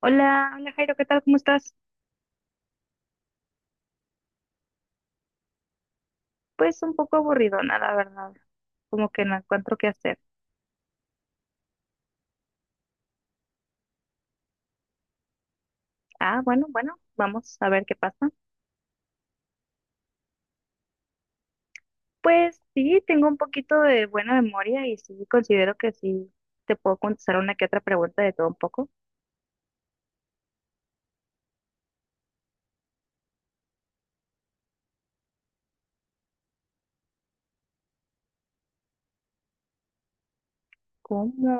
Hola, hola Jairo, ¿qué tal? ¿Cómo estás? Pues un poco aburridona, la verdad. Como que no encuentro qué hacer. Bueno, bueno, vamos a ver qué pasa. Pues sí, tengo un poquito de buena memoria y sí considero que sí te puedo contestar una que otra pregunta de todo un poco. ¿Cómo?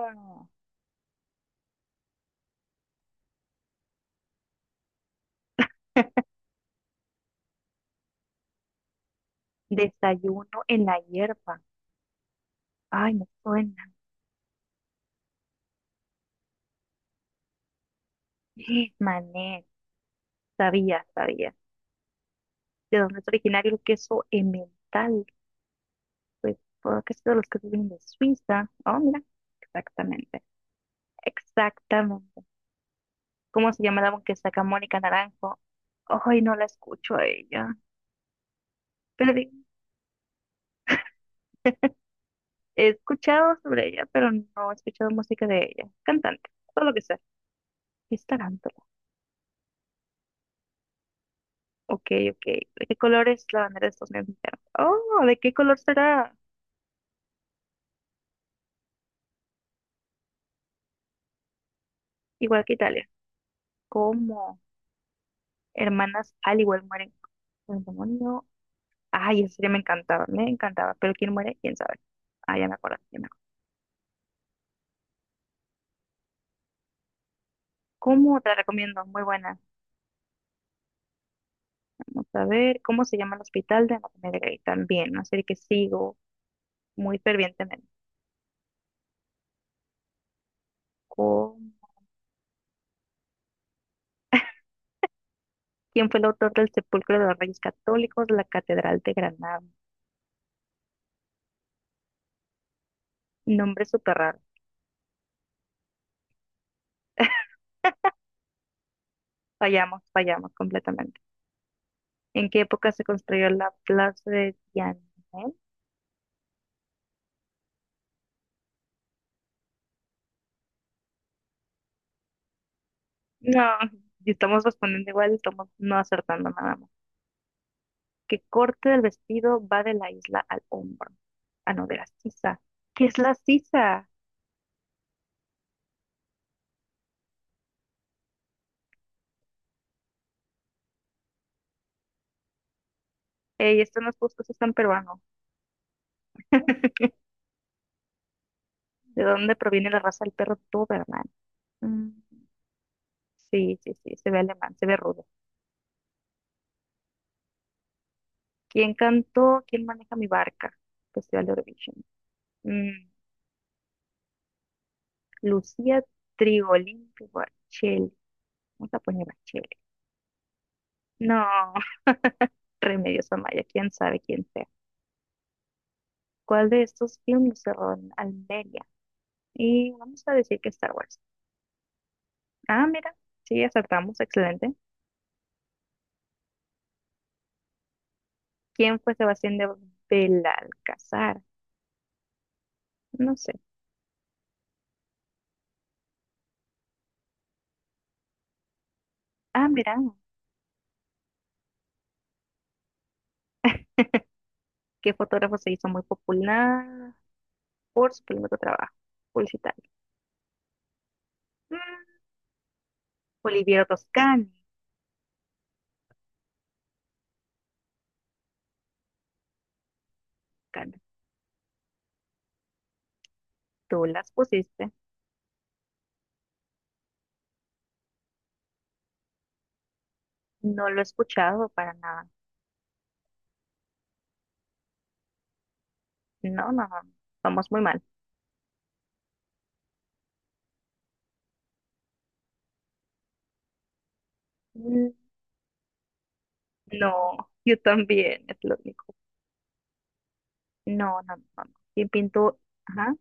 Desayuno en la hierba. Ay, me suena. Mané, sabía. ¿De dónde es originario el queso emmental? Pues, todo que es de los quesos vienen de Suiza. Oh, mira, exactamente. Exactamente. ¿Cómo se llama la que saca Mónica Naranjo? Ay, no la escucho a ella. Pero di- He escuchado sobre ella, pero no he escuchado música de ella. Cantante, todo lo que sea. Es tarántula. Ok, ok. ¿De qué color es la bandera de Estados Unidos mexicanos? Oh, ¿de qué color será? Igual que Italia. ¿Cómo? Hermanas al igual mueren con el demonio. Ay, esa serie me encantaba. Pero ¿quién muere? ¿Quién sabe? Ah, ya me acuerdo. ¿Cómo te la recomiendo? Muy buena. Vamos a ver cómo se llama el hospital de Anatomía de Grey también, una serie que sigo muy fervientemente. Con- ¿Quién fue el autor del Sepulcro de los Reyes Católicos, la Catedral de Granada? Nombre súper raro. Fallamos completamente. ¿En qué época se construyó la Plaza de Tiananmen? No, y estamos respondiendo igual, estamos no acertando nada más. ¿Qué corte del vestido va de la isla al hombro? Ah, no, de la sisa. ¿Qué es la sisa? Ey, esto no es justo, eso es tan peruano. ¿De dónde proviene la raza del perro Doberman? Mm, sí, sí, sí, se ve alemán, se ve rudo. ¿Quién cantó? ¿Quién maneja mi barca? Festival de Eurovision. Mm, Lucía Trigolín Barchel. Vamos a poner Barchel. No, Remedios Amaya, quién sabe quién sea. ¿Cuál de estos filmes se rodó en Almería? Y vamos a decir que Star Wars. Ah, mira, sí, acertamos, excelente. ¿Quién fue Sebastián de Belalcázar? No sé. Ah, mira, ¿Qué fotógrafo se hizo muy popular por su primer trabajo publicitario? Mm, Oliviero Toscani. Cana, tú las pusiste. No lo he escuchado para nada. No, no, no. Vamos muy mal. Mm, No, yo también, es lo único. No, no, no, no. ¿Quién pintó? Ajá.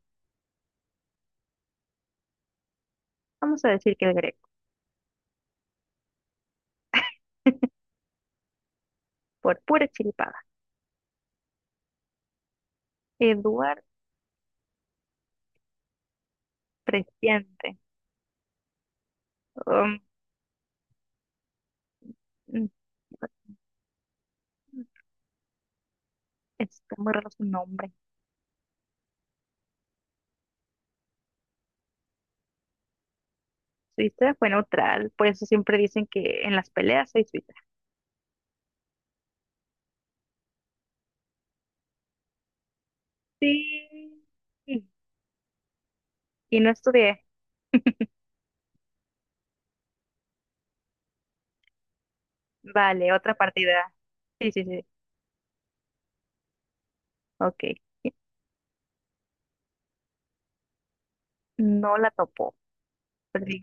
Vamos a decir que el Greco. Por pura chiripada. Eduard presiente. Um, mm, está muy raro su nombre. Suiza fue neutral, por eso siempre dicen que en las peleas hay suizo. Sí. Y no estudié. Vale, otra partida. Sí, sí, sí. Ok. No la topó. Perdí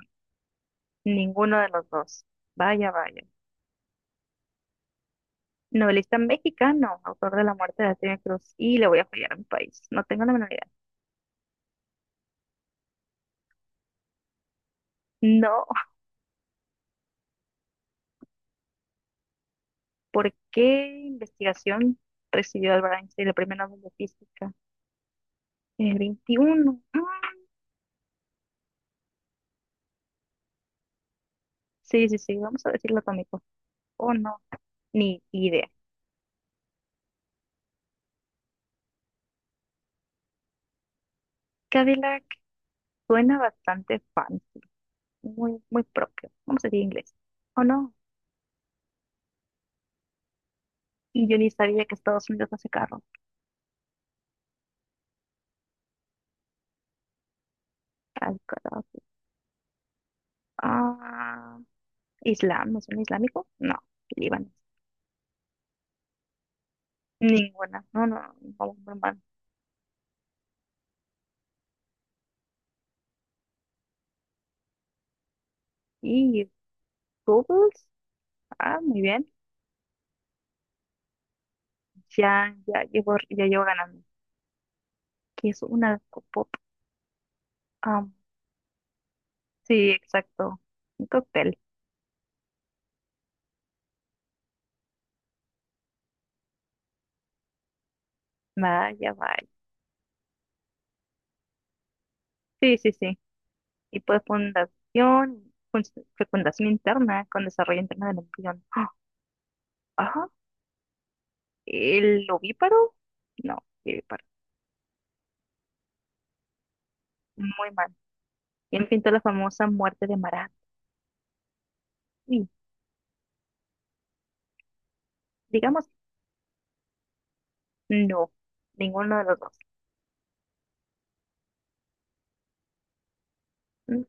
ninguno de los dos. Vaya, vaya. Novelista mexicano, autor de La Muerte de Antonio Cruz. Y le voy a fallar a mi país. No tengo la menor idea. No. ¿Por qué investigación recibió Albert Einstein el premio Nobel de Física? El 21. Sí, sí, sí. Vamos a decirlo atómico. Oh, no. Ni idea. Cadillac suena bastante fan. Muy, muy propio. Vamos a decir inglés. ¿O no? Y yo ni sabía que Estados Unidos hace carro. Al carajo. Ah, Islam, ¿no es un islámico? No, Líbano. Ninguna. No, no, vamos muy mal. Y Google, ah, muy bien. Ya, ya llevo ganando. ¿Qué es una pop? Ah, sí, exacto. Un cóctel. Vaya, vaya. Sí, sí, sí. Y pues fecundación interna con desarrollo interno del embrión. Ah, ¿el ovíparo? No, el ovíparo. Muy mal. ¿Quién pintó la famosa muerte de Marat? Sí, digamos, no. Ninguno de los dos. Mm,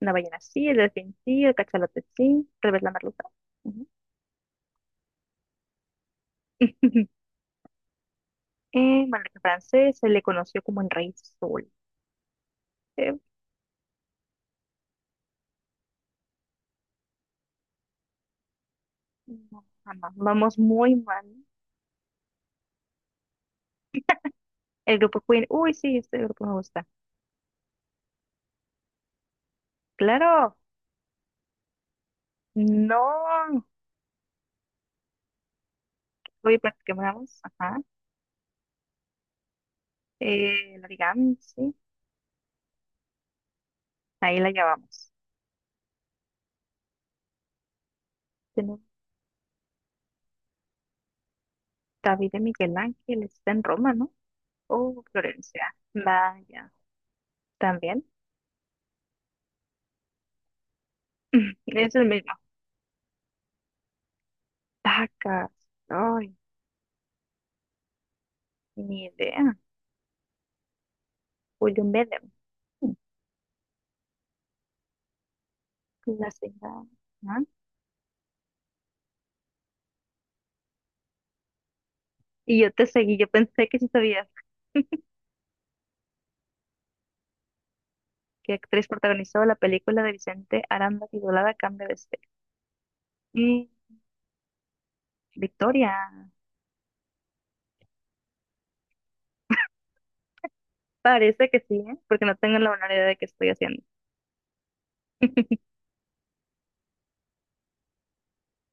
La ballena sí, el delfín sí, el cachalote sí, tal vez la merluza. Ujú. En monarca francés se le conoció como el rey sol. Eh, no, jamás. Vamos muy mal. El grupo Queen. Uy, sí, este grupo me gusta. Claro. No. Hoy practicamos. Ajá. El origami, sí. Ahí la llevamos. David de Miguel Ángel está en Roma, ¿no? Oh, Florencia. Vaya, también. Es el mismo. Tacas. Ay, ni idea. William Bedem. La señora. ¿No? Y yo te seguí. Yo pensé que sí sabías qué actriz protagonizó la película de Vicente Aranda titulada Cambio de Ser. Y Victoria. Parece que sí, ¿eh? Porque no tengo la menor idea de qué estoy haciendo.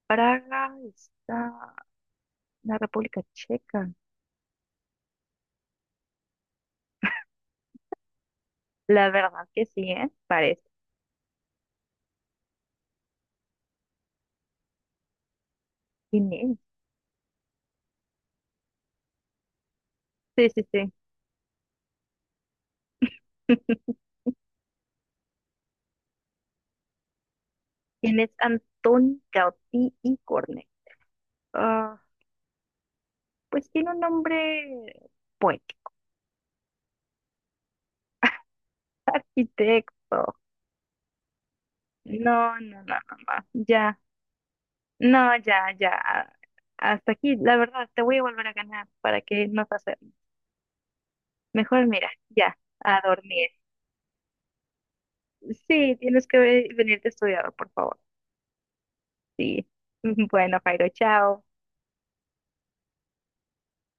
Praga está la República Checa. La verdad que sí, ¿eh? Parece. ¿Quién es? Sí, sí, sí. ¿Quién es Antón Gaudí y Cornet? Ah, pues tiene un nombre poético. Arquitecto. No, no, no, no, no. Ya. No, ya, ya. Hasta aquí, la verdad, te voy a volver a ganar para que no te acerques. Mejor mira, ya, a dormir. Sí, tienes que venirte a estudiar, por favor. Sí. Bueno, Jairo, chao.